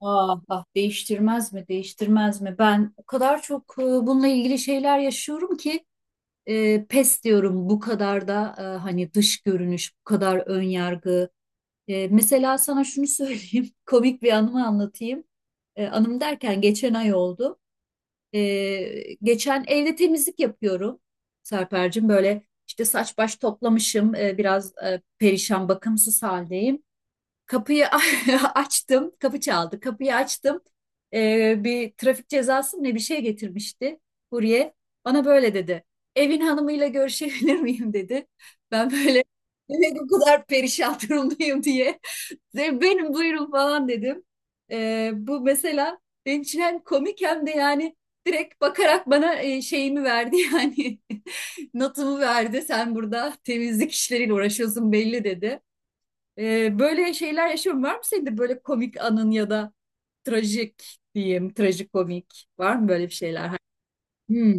Ah, ah değiştirmez mi değiştirmez mi, ben o kadar çok bununla ilgili şeyler yaşıyorum ki pes diyorum. Bu kadar da hani dış görünüş bu kadar ön yargı. Mesela sana şunu söyleyeyim, komik bir anımı anlatayım. Anım derken geçen ay oldu. Geçen evde temizlik yapıyorum Serpercim, böyle işte saç baş toplamışım. Biraz perişan, bakımsız haldeyim. Kapıyı açtım, kapı çaldı. Kapıyı açtım. Bir trafik cezası mı ne bir şey getirmişti kurye. Bana böyle dedi: "Evin hanımıyla görüşebilir miyim?" dedi. Ben böyle, demek o kadar perişan durumdayım diye. "Benim, buyurun" falan dedim. Bu mesela benim için hem komik hem de yani direkt bakarak bana şeyimi verdi yani notumu verdi. "Sen burada temizlik işleriyle uğraşıyorsun belli" dedi. Böyle şeyler yaşıyorum. Var mı senin de böyle komik anın, ya da trajik diyeyim, trajikomik? Var mı böyle bir şeyler? Hmm.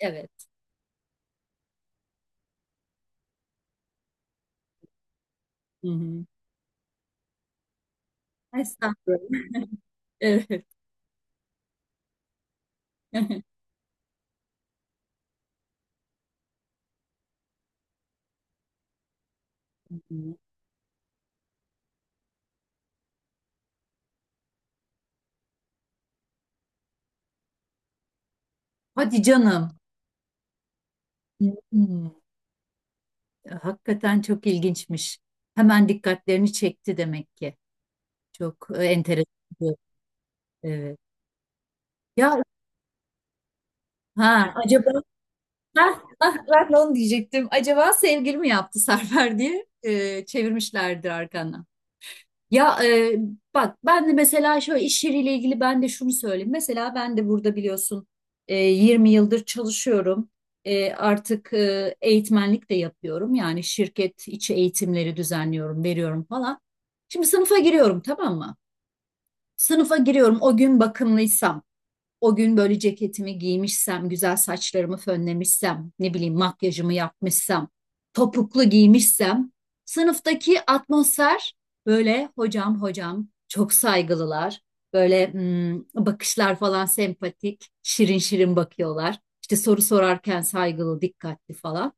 Evet. Hı hı. Estağfurullah. Evet. Hadi canım. Hmm. Hakikaten çok ilginçmiş. Hemen dikkatlerini çekti demek ki. Çok enteresan bu. Evet. Ya, ha acaba, ha ha ben de onu diyecektim. Acaba sevgili mi yaptı Serper diye çevirmişlerdir arkandan. Ya, bak ben de mesela şöyle iş yeriyle ilgili ben de şunu söyleyeyim. Mesela ben de burada biliyorsun 20 yıldır çalışıyorum. Artık eğitmenlik de yapıyorum. Yani şirket içi eğitimleri düzenliyorum, veriyorum falan. Şimdi sınıfa giriyorum, tamam mı? Sınıfa giriyorum o gün bakımlıysam. O gün böyle ceketimi giymişsem, güzel saçlarımı fönlemişsem, ne bileyim makyajımı yapmışsam, topuklu giymişsem, sınıftaki atmosfer böyle, "Hocam, hocam", çok saygılılar. Böyle bakışlar falan sempatik, şirin şirin bakıyorlar. İşte soru sorarken saygılı, dikkatli falan.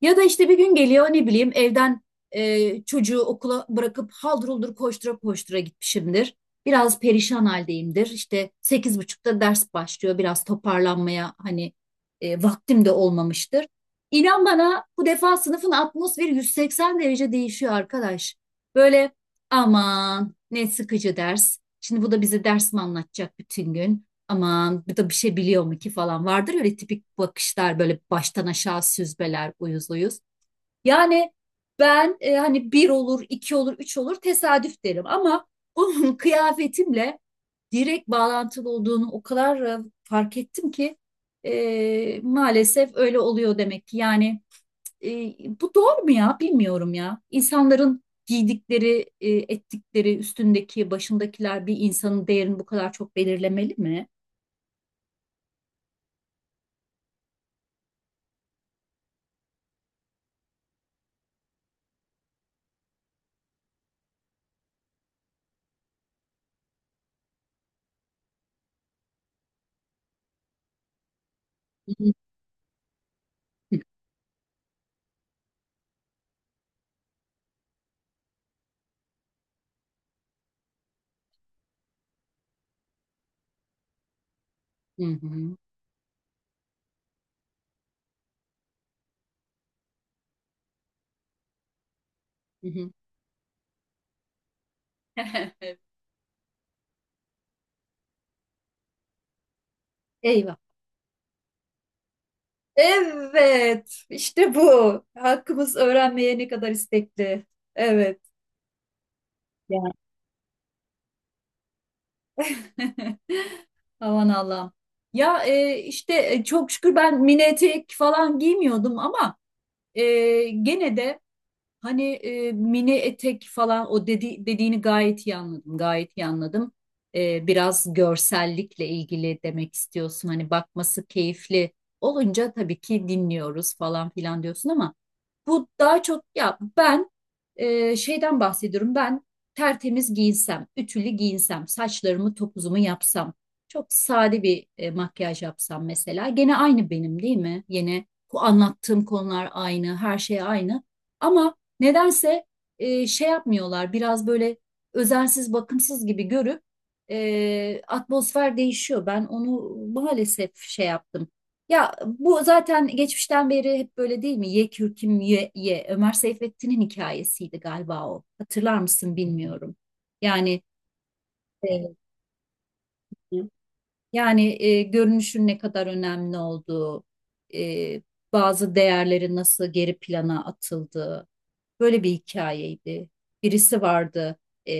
Ya da işte bir gün geliyor, ne bileyim, evden çocuğu okula bırakıp haldır huldur koştura koştura gitmişimdir. Biraz perişan haldeyimdir. İşte 8.30'da ders başlıyor. Biraz toparlanmaya hani vaktim de olmamıştır. İnan bana bu defa sınıfın atmosferi 180 derece değişiyor arkadaş. Böyle, "Aman ne sıkıcı ders. Şimdi bu da bize ders mi anlatacak bütün gün? Aman bu da bir şey biliyor mu ki?" falan vardır ya, öyle tipik bakışlar, böyle baştan aşağı süzmeler, uyuz uyuz. Yani ben hani bir olur, iki olur, üç olur tesadüf derim ama onun kıyafetimle direkt bağlantılı olduğunu o kadar fark ettim ki maalesef öyle oluyor demek ki. Yani e, bu doğru mu ya? Bilmiyorum ya. İnsanların giydikleri, ettikleri, üstündeki, başındakiler bir insanın değerini bu kadar çok belirlemeli mi? Hı hı. Hı hı. Eyvah. Evet, işte bu. Hakkımız öğrenmeye ne kadar istekli. Evet. Ya. Aman Allah'ım. Ya, işte çok şükür ben mini etek falan giymiyordum ama e, gene de hani mini etek falan, o dedi, dediğini gayet iyi anladım. Gayet iyi anladım. Biraz görsellikle ilgili demek istiyorsun. Hani bakması keyifli olunca tabii ki dinliyoruz falan filan diyorsun ama bu daha çok ya ben şeyden bahsediyorum. Ben tertemiz giyinsem, ütülü giyinsem, saçlarımı topuzumu yapsam, çok sade bir makyaj yapsam mesela, gene aynı benim değil mi? Yine bu anlattığım konular aynı, her şey aynı. Ama nedense şey yapmıyorlar, biraz böyle özensiz bakımsız gibi görüp atmosfer değişiyor. Ben onu maalesef şey yaptım. Ya bu zaten geçmişten beri hep böyle değil mi? Ye kürküm, ye. Ömer Seyfettin'in hikayesiydi galiba o. Hatırlar mısın bilmiyorum. Yani e, yani, görünüşün ne kadar önemli olduğu, e, bazı değerleri nasıl geri plana atıldığı, böyle bir hikayeydi. Birisi vardı, e,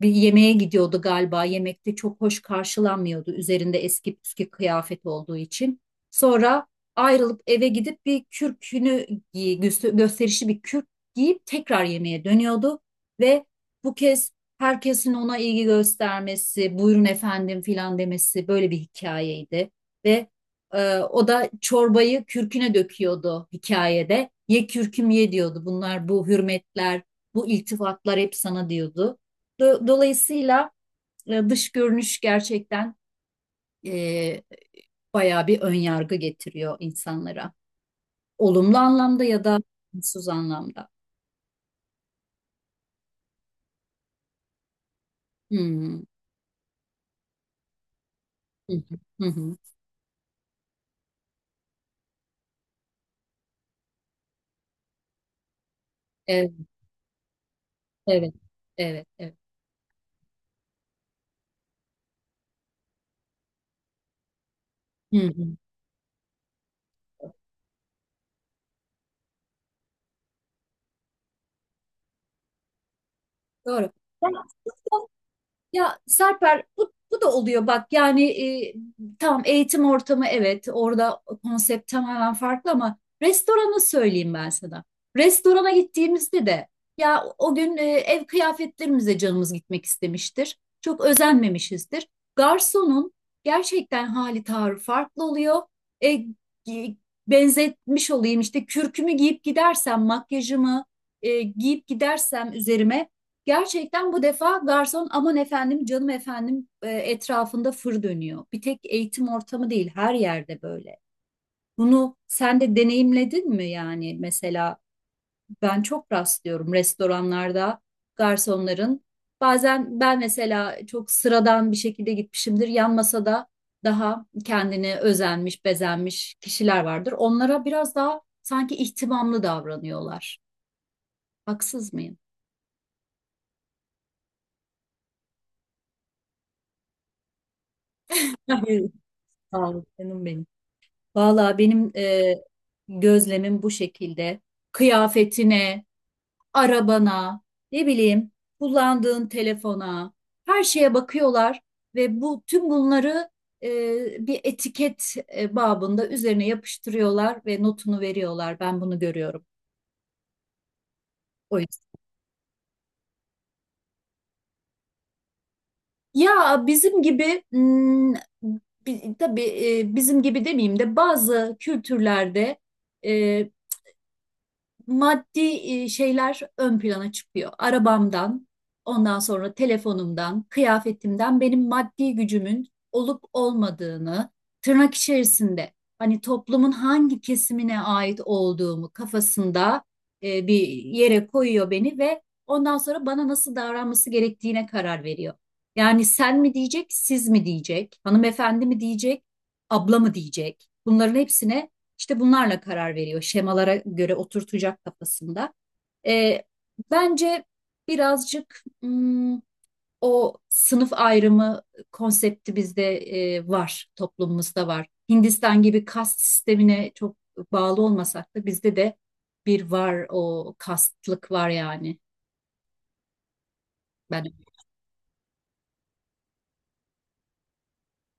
bir yemeğe gidiyordu galiba, yemekte çok hoş karşılanmıyordu üzerinde eski püskü kıyafet olduğu için. Sonra ayrılıp eve gidip bir kürkünü gösterişli bir kürk giyip tekrar yemeğe dönüyordu ve bu kez herkesin ona ilgi göstermesi, "Buyurun efendim" filan demesi, böyle bir hikayeydi. Ve o da çorbayı kürküne döküyordu hikayede. "Ye kürküm ye" diyordu. "Bunlar, bu hürmetler, bu iltifatlar hep sana" diyordu. Dolayısıyla dış görünüş gerçekten e, bayağı bir ön yargı getiriyor insanlara. Olumlu anlamda ya da olumsuz anlamda. Hmm. Hı hı. Hı hı. Evet, evet, evet, evet. Hı. Doğru. Ya, ya Serper bu da oluyor bak yani e, tam eğitim ortamı, evet, orada konsept tamamen farklı ama restoranı söyleyeyim ben sana. Restorana gittiğimizde de ya o gün ev kıyafetlerimize canımız gitmek istemiştir. Çok özenmemişizdir. Garsonun gerçekten hali tavrı farklı oluyor. E, gi- Benzetmiş olayım, işte kürkümü giyip gidersem, makyajımı giyip gidersem üzerime, gerçekten bu defa garson "Aman efendim, canım efendim" etrafında fır dönüyor. Bir tek eğitim ortamı değil, her yerde böyle. Bunu sen de deneyimledin mi yani? Mesela ben çok rastlıyorum restoranlarda garsonların, bazen ben mesela çok sıradan bir şekilde gitmişimdir, yan masada daha kendine özenmiş bezenmiş kişiler vardır, onlara biraz daha sanki ihtimamlı davranıyorlar. Haksız mıyım? Hayır. Sağ ol canım benim. Valla benim gözlemim bu şekilde. Kıyafetine, arabana, ne bileyim, kullandığın telefona, her şeye bakıyorlar ve bu, tüm bunları e, bir etiket babında üzerine yapıştırıyorlar ve notunu veriyorlar. Ben bunu görüyorum. O yüzden. Ya bizim gibi, tabii bizim gibi demeyeyim de, bazı kültürlerde e, maddi şeyler ön plana çıkıyor. Arabamdan, ondan sonra telefonumdan, kıyafetimden benim maddi gücümün olup olmadığını, tırnak içerisinde, hani toplumun hangi kesimine ait olduğumu kafasında bir yere koyuyor beni ve ondan sonra bana nasıl davranması gerektiğine karar veriyor. Yani sen mi diyecek, siz mi diyecek, hanımefendi mi diyecek, abla mı diyecek? Bunların hepsine işte bunlarla karar veriyor. Şemalara göre oturtacak kafasında. E, Bence birazcık o sınıf ayrımı konsepti bizde var, toplumumuzda var. Hindistan gibi kast sistemine çok bağlı olmasak da bizde de bir var, o kastlık var yani. Ben,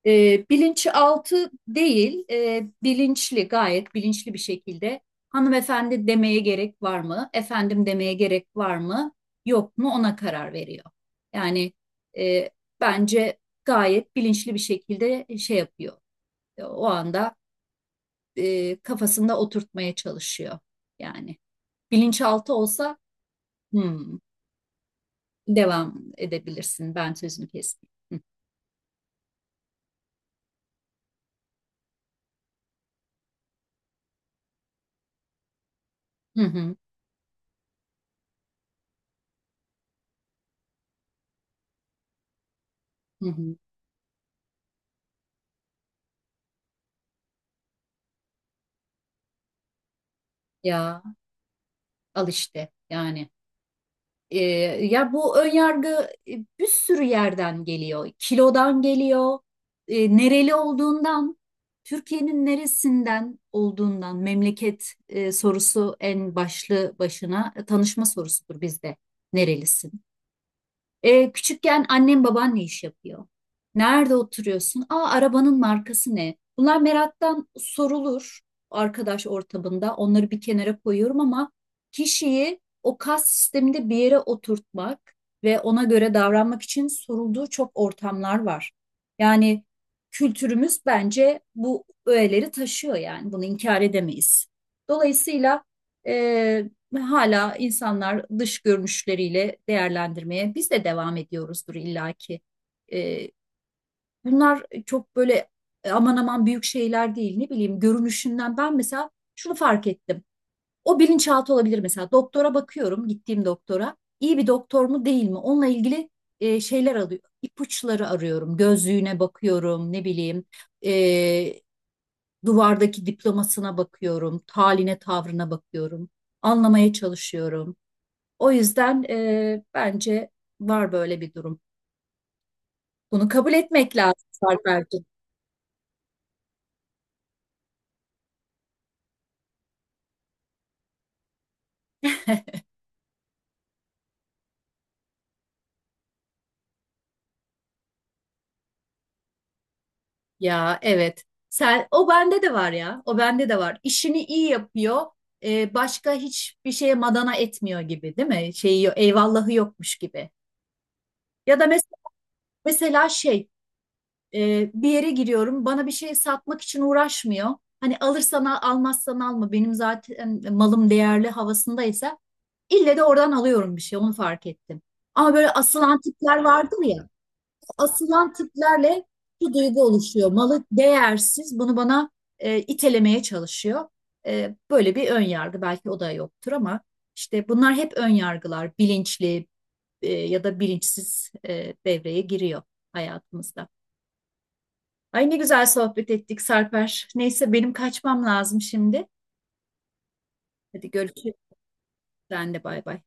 Bilinçaltı değil, bilinçli, gayet bilinçli bir şekilde hanımefendi demeye gerek var mı, efendim demeye gerek var mı, yok mu, ona karar veriyor. Yani e, bence gayet bilinçli bir şekilde şey yapıyor. O anda kafasında oturtmaya çalışıyor. Yani bilinçaltı olsa... Hmm, devam edebilirsin. Ben sözünü kestim. Hı hı hı. Hı. Ya, al işte yani. Ee, Ya bu önyargı e, bir sürü yerden geliyor. Kilodan geliyor, nereli olduğundan, Türkiye'nin neresinden olduğundan. Memleket sorusu en başlı başına tanışma sorusudur bizde. Nerelisin? Küçükken annem baban ne iş yapıyor? Nerede oturuyorsun? Aa, arabanın markası ne? Bunlar meraktan sorulur arkadaş ortamında. Onları bir kenara koyuyorum ama kişiyi o kas sisteminde bir yere oturtmak ve ona göre davranmak için sorulduğu çok ortamlar var. Yani kültürümüz bence bu öğeleri taşıyor, yani bunu inkar edemeyiz. Dolayısıyla e, ve hala insanlar dış görünüşleriyle değerlendirmeye biz de devam ediyoruzdur illaki. Ee, Bunlar çok böyle aman aman büyük şeyler değil, ne bileyim, görünüşünden. Ben mesela şunu fark ettim. O bilinçaltı olabilir mesela, doktora bakıyorum, gittiğim doktora iyi bir doktor mu değil mi, onunla ilgili şeyler alıyor, ipuçları arıyorum, gözlüğüne bakıyorum, ne bileyim, e, duvardaki diplomasına bakıyorum, taline tavrına bakıyorum, anlamaya çalışıyorum. O yüzden bence var böyle bir durum. Bunu kabul etmek lazım Sarper'cim. Ya evet. Sen, o bende de var ya. O bende de var. İşini iyi yapıyor. Başka hiçbir şeye madana etmiyor gibi değil mi? Şeyi, eyvallahı yokmuş gibi. Ya da mesela şey, bir yere giriyorum. Bana bir şey satmak için uğraşmıyor. Hani alırsan al, almazsan alma. Benim zaten malım değerli havasındaysa ille de oradan alıyorum bir şey. Onu fark ettim. Ama böyle asılan tipler vardır ya. Asılan tiplerle bir duygu oluşuyor. Malı değersiz. Bunu bana itelemeye çalışıyor. Böyle bir ön yargı belki o da yoktur ama işte bunlar hep ön yargılar. Bilinçli ya da bilinçsiz devreye giriyor hayatımızda. Ay, ne güzel sohbet ettik Sarper. Neyse, benim kaçmam lazım şimdi. Hadi görüşürüz. Sen de bay bay.